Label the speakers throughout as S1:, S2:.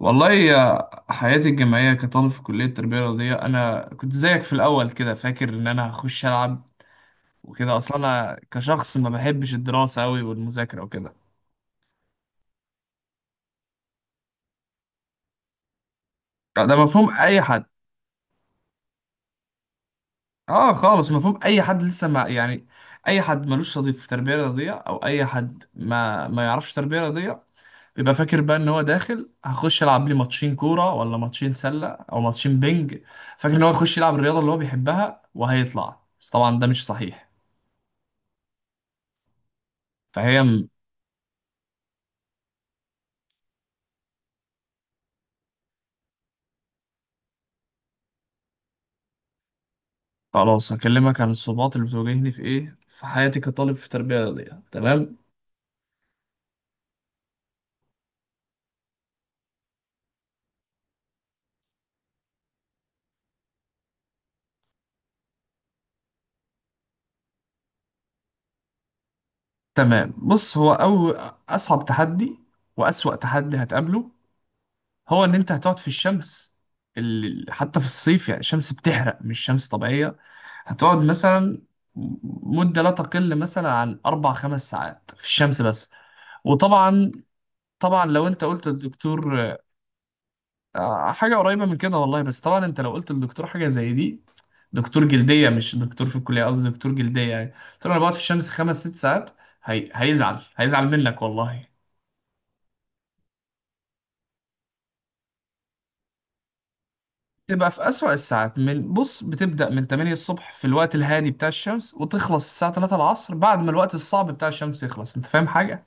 S1: والله آه، حياتي الجامعية كطالب في كلية التربية الرياضية أنا كنت زيك في الأول كده فاكر إن أنا هخش ألعب وكده. أصلا أنا كشخص ما بحبش الدراسة أوي والمذاكرة وكده. لا، ده مفهوم أي حد. آه خالص، مفهوم أي حد لسه ما أي حد ملوش صديق في التربية الرياضية أو أي حد ما يعرفش تربية رياضية بيبقى فاكر بقى إن هو داخل هخش ألعب لي ماتشين كورة ولا ماتشين سلة أو ماتشين بينج. فاكر إن هو يخش يلعب الرياضة اللي هو بيحبها وهيطلع، بس طبعا ده مش صحيح. فهي خلاص هكلمك عن الصعوبات اللي بتواجهني في ايه، في حياتي كطالب في تربية رياضية. تمام تمام. بص، هو أول، أصعب تحدي وأسوأ تحدي هتقابله هو إن أنت هتقعد في الشمس. حتى في الصيف يعني الشمس بتحرق، مش شمس طبيعية. هتقعد مثلا مدة لا تقل مثلا عن أربع خمس ساعات في الشمس بس. وطبعا لو أنت قلت للدكتور، آه، حاجة قريبة من كده والله. بس طبعا أنت لو قلت للدكتور حاجة زي دي، دكتور جلدية مش دكتور في الكلية، قصدي دكتور جلدية، يعني قلت له أنا بقعد في الشمس خمس ست ساعات، هي... هيزعل هيزعل منك والله. تبقى في أسوأ الساعات. من بص بتبدأ من 8 الصبح في الوقت الهادي بتاع الشمس وتخلص الساعة 3 العصر بعد ما الوقت الصعب بتاع الشمس يخلص. أنت فاهم حاجة؟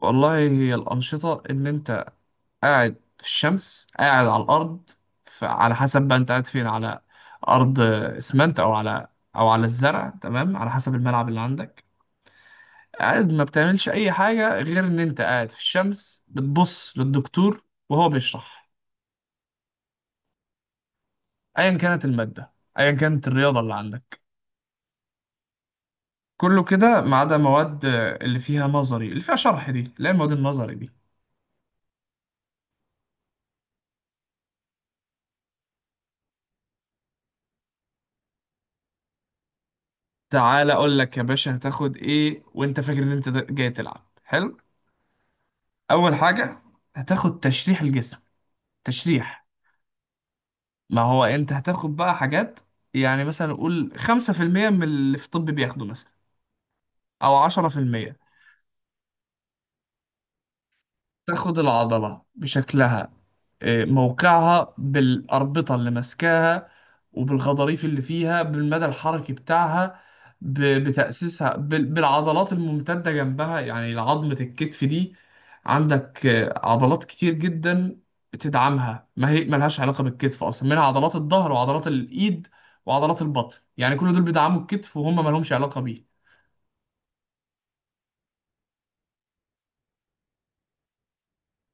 S1: والله هي الأنشطة إن أنت قاعد في الشمس، قاعد على الأرض. على حسب بقى أنت قاعد فين، على أرض إسمنت أو على، أو على الزرع، تمام، على حسب الملعب اللي عندك. قاعد ما بتعملش اي حاجه غير ان انت قاعد في الشمس بتبص للدكتور وهو بيشرح، ايا كانت الماده، ايا كانت الرياضه اللي عندك. كله كده ما عدا مواد اللي فيها نظري، اللي فيها شرح دي، لا، المواد النظري دي. تعالى اقول لك يا باشا هتاخد ايه وانت فاكر ان جاي تلعب حلو. اول حاجه هتاخد تشريح الجسم. تشريح. ما هو انت هتاخد بقى حاجات، يعني مثلا قول 5% من اللي في الطب بياخده مثلا، او 10%. تاخد العضلة بشكلها، آه، موقعها بالأربطة اللي ماسكاها، وبالغضاريف اللي فيها، بالمدى الحركي بتاعها، بتأسيسها بالعضلات الممتدة جنبها. يعني عظمة الكتف دي عندك آه، عضلات كتير جدا بتدعمها ما هي ملهاش علاقة بالكتف أصلا، منها عضلات الظهر وعضلات الإيد وعضلات البطن، يعني كل دول بيدعموا الكتف وهم ملهمش علاقة بيه.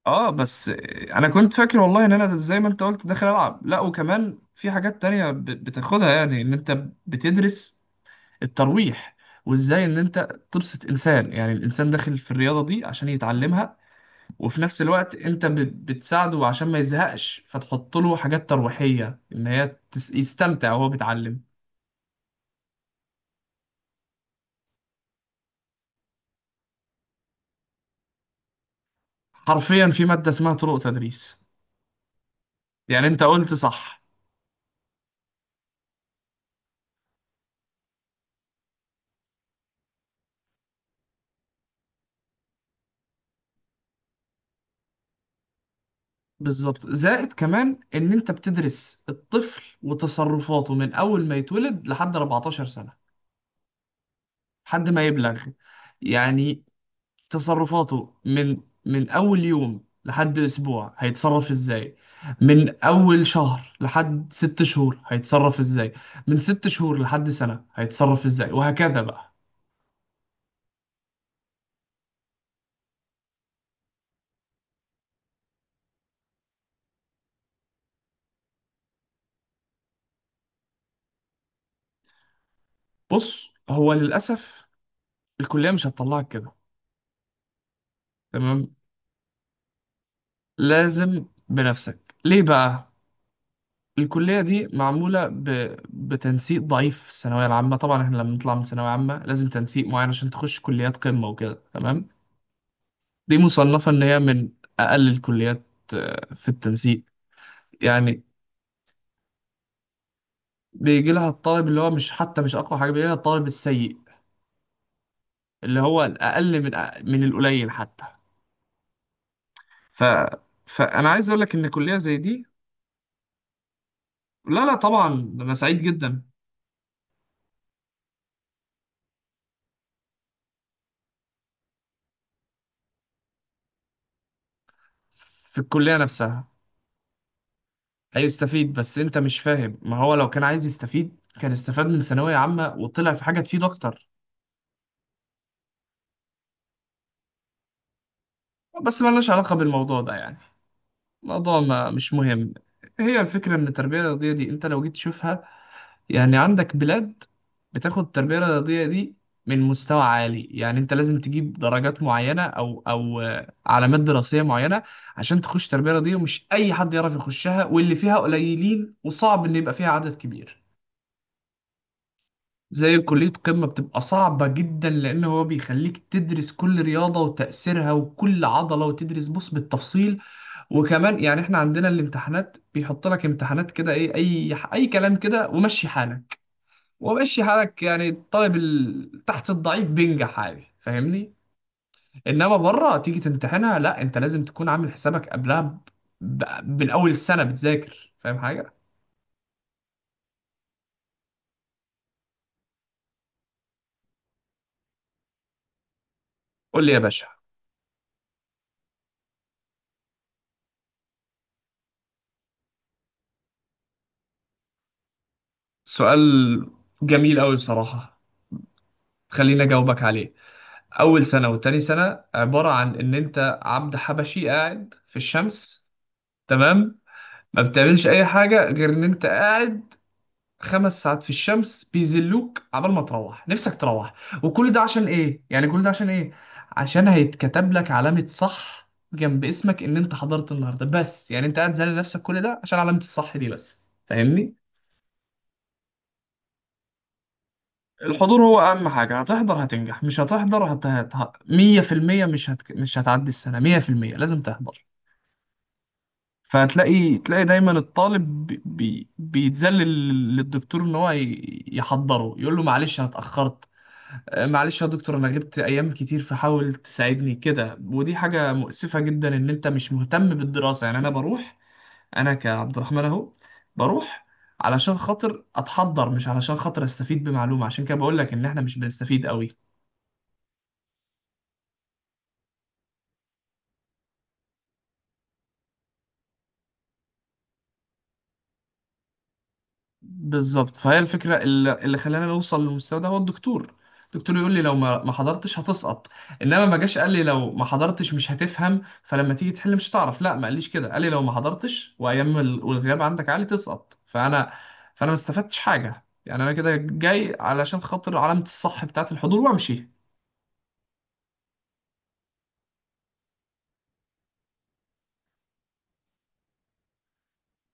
S1: اه بس انا كنت فاكر والله ان انا زي ما انت قلت داخل العب، لا وكمان في حاجات تانية بتاخدها. يعني ان انت بتدرس الترويح، وازاي ان انت تبسط انسان، يعني الانسان داخل في الرياضة دي عشان يتعلمها، وفي نفس الوقت انت بتساعده عشان ما يزهقش، فتحط له حاجات ترويحية ان هي يستمتع وهو بيتعلم. حرفيا في مادة اسمها طرق تدريس. يعني انت قلت صح. بالظبط، زائد كمان ان انت بتدرس الطفل وتصرفاته من اول ما يتولد لحد 14 سنة، لحد ما يبلغ. يعني تصرفاته من اول يوم لحد اسبوع هيتصرف ازاي، من اول شهر لحد ست شهور هيتصرف ازاي، من ست شهور لحد سنة هيتصرف ازاي، وهكذا بقى. بص هو للاسف الكلية مش هتطلعك كده. تمام، لازم بنفسك. ليه بقى؟ الكلية دي معمولة بتنسيق ضعيف في الثانوية العامة. طبعا احنا لما نطلع من ثانوية عامة لازم تنسيق معين عشان تخش كليات قمة وكده، تمام. دي مصنفة ان هي من اقل الكليات، آه، في التنسيق. يعني بيجي لها الطالب اللي هو مش، حتى مش اقوى حاجة، بيجي لها الطالب السيء اللي هو الاقل من من القليل حتى. ف... فانا عايز اقول لك ان كلية زي دي، لا لا طبعا، انا سعيد جدا في الكلية نفسها هيستفيد، بس انت مش فاهم. ما هو لو كان عايز يستفيد كان استفاد من ثانوية عامة وطلع في حاجة تفيد اكتر. بس ملناش علاقة بالموضوع ده يعني، الموضوع ما مش مهم. هي الفكرة ان التربية الرياضية دي انت لو جيت تشوفها، يعني عندك بلاد بتاخد التربية الرياضية دي من مستوى عالي، يعني انت لازم تجيب درجات معينة او آه، علامات دراسية معينة عشان تخش تربية رياضية، ومش اي حد يعرف يخشها، واللي فيها قليلين وصعب ان يبقى فيها عدد كبير. زي كلية قمة، بتبقى صعبة جدا لأن هو بيخليك تدرس كل رياضة وتأثيرها وكل عضلة، وتدرس بص بالتفصيل. وكمان يعني احنا عندنا الامتحانات بيحط لك امتحانات كده ايه، أي كلام كده ومشي حالك، ومشي حالك. يعني الطالب تحت الضعيف بينجح عادي، فاهمني؟ إنما بره تيجي تمتحنها، لا، أنت لازم تكون عامل حسابك قبلها ب... من أول السنة بتذاكر. فاهم حاجة؟ قول لي يا باشا. سؤال جميل أوي بصراحة، خليني أجاوبك عليه. اول سنه وتاني سنه عباره عن ان انت عبد حبشي قاعد في الشمس، تمام، ما بتعملش اي حاجه غير ان انت قاعد خمس ساعات في الشمس بيذلوك عبال ما تروح نفسك تروح. وكل ده عشان ايه؟ يعني كل ده عشان ايه؟ عشان هيتكتب لك علامه صح جنب اسمك ان انت حضرت النهارده بس، يعني انت قاعد زعل نفسك كل ده عشان علامه الصح دي بس، فاهمني؟ الحضور هو اهم حاجه. هتحضر هتنجح، مش هتحضر 100% مش هتعدي السنه. 100% لازم تحضر. فهتلاقي، تلاقي دايما الطالب بيتذلل للدكتور ان هو يحضره، يقول له معلش انا اتاخرت، آه، معلش يا دكتور انا غبت ايام كتير فحاول تساعدني كده. ودي حاجه مؤسفه جدا ان انت مش مهتم بالدراسه. يعني انا بروح، انا كعبد الرحمن اهو بروح علشان خاطر اتحضر مش علشان خاطر استفيد بمعلومه، عشان كده بقول لك ان احنا مش بنستفيد قوي. بالظبط. فهي الفكره اللي خلاني اوصل للمستوى ده هو الدكتور. الدكتور يقول لي لو ما حضرتش هتسقط، انما ما جاش قال لي لو ما حضرتش مش هتفهم فلما تيجي تحل مش هتعرف، لا ما قاليش كده، قال لي لو ما حضرتش والغياب عندك عالي تسقط. فانا، فانا ما استفدتش حاجه، يعني انا كده جاي علشان خاطر علامه الصح بتاعه الحضور وامشي.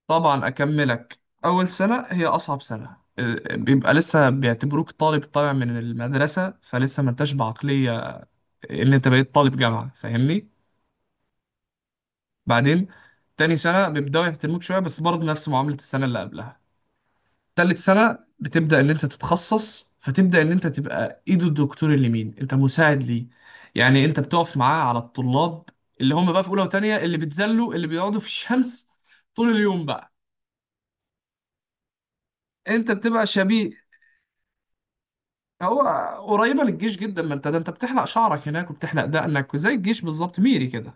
S1: طبعا اكملك. اول سنه هي اصعب سنه، أه، بيبقى لسه بيعتبروك طالب طالع من المدرسه، فلسه ما انتش بعقليه اللي انت بقيت طالب جامعه، فاهمني؟ بعدين تاني سنه بيبداوا يحترموك شويه، بس برضه نفس معامله السنه اللي قبلها. تالت سنه بتبدا ان انت تتخصص، فتبدا ان انت تبقى ايد الدكتور اليمين، انت مساعد ليه، يعني انت بتقف معاه على الطلاب اللي هم بقى في اولى وتانيه، اللي بيتذلوا، اللي بيقعدوا في الشمس طول اليوم بقى. انت بتبقى شبيه، هو قريبه للجيش جدا، ما انت ده انت بتحلق شعرك هناك وبتحلق دقنك، وزي الجيش بالظبط، ميري كده.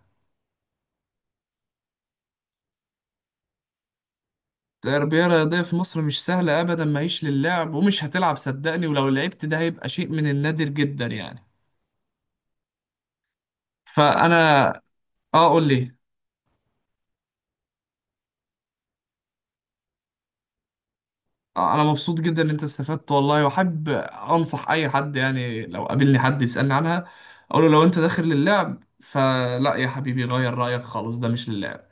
S1: التربية الرياضية في مصر مش سهلة أبدا، ماهيش للعب ومش هتلعب صدقني، ولو لعبت ده هيبقى شيء من النادر جدا يعني. فأنا، آه قول لي. آه أنا مبسوط جدا إن أنت استفدت والله، وأحب أنصح أي حد، يعني لو قابلني حد يسألني عنها أقول له لو أنت داخل للعب فلا يا حبيبي، غير رأيك خالص، ده مش للعب.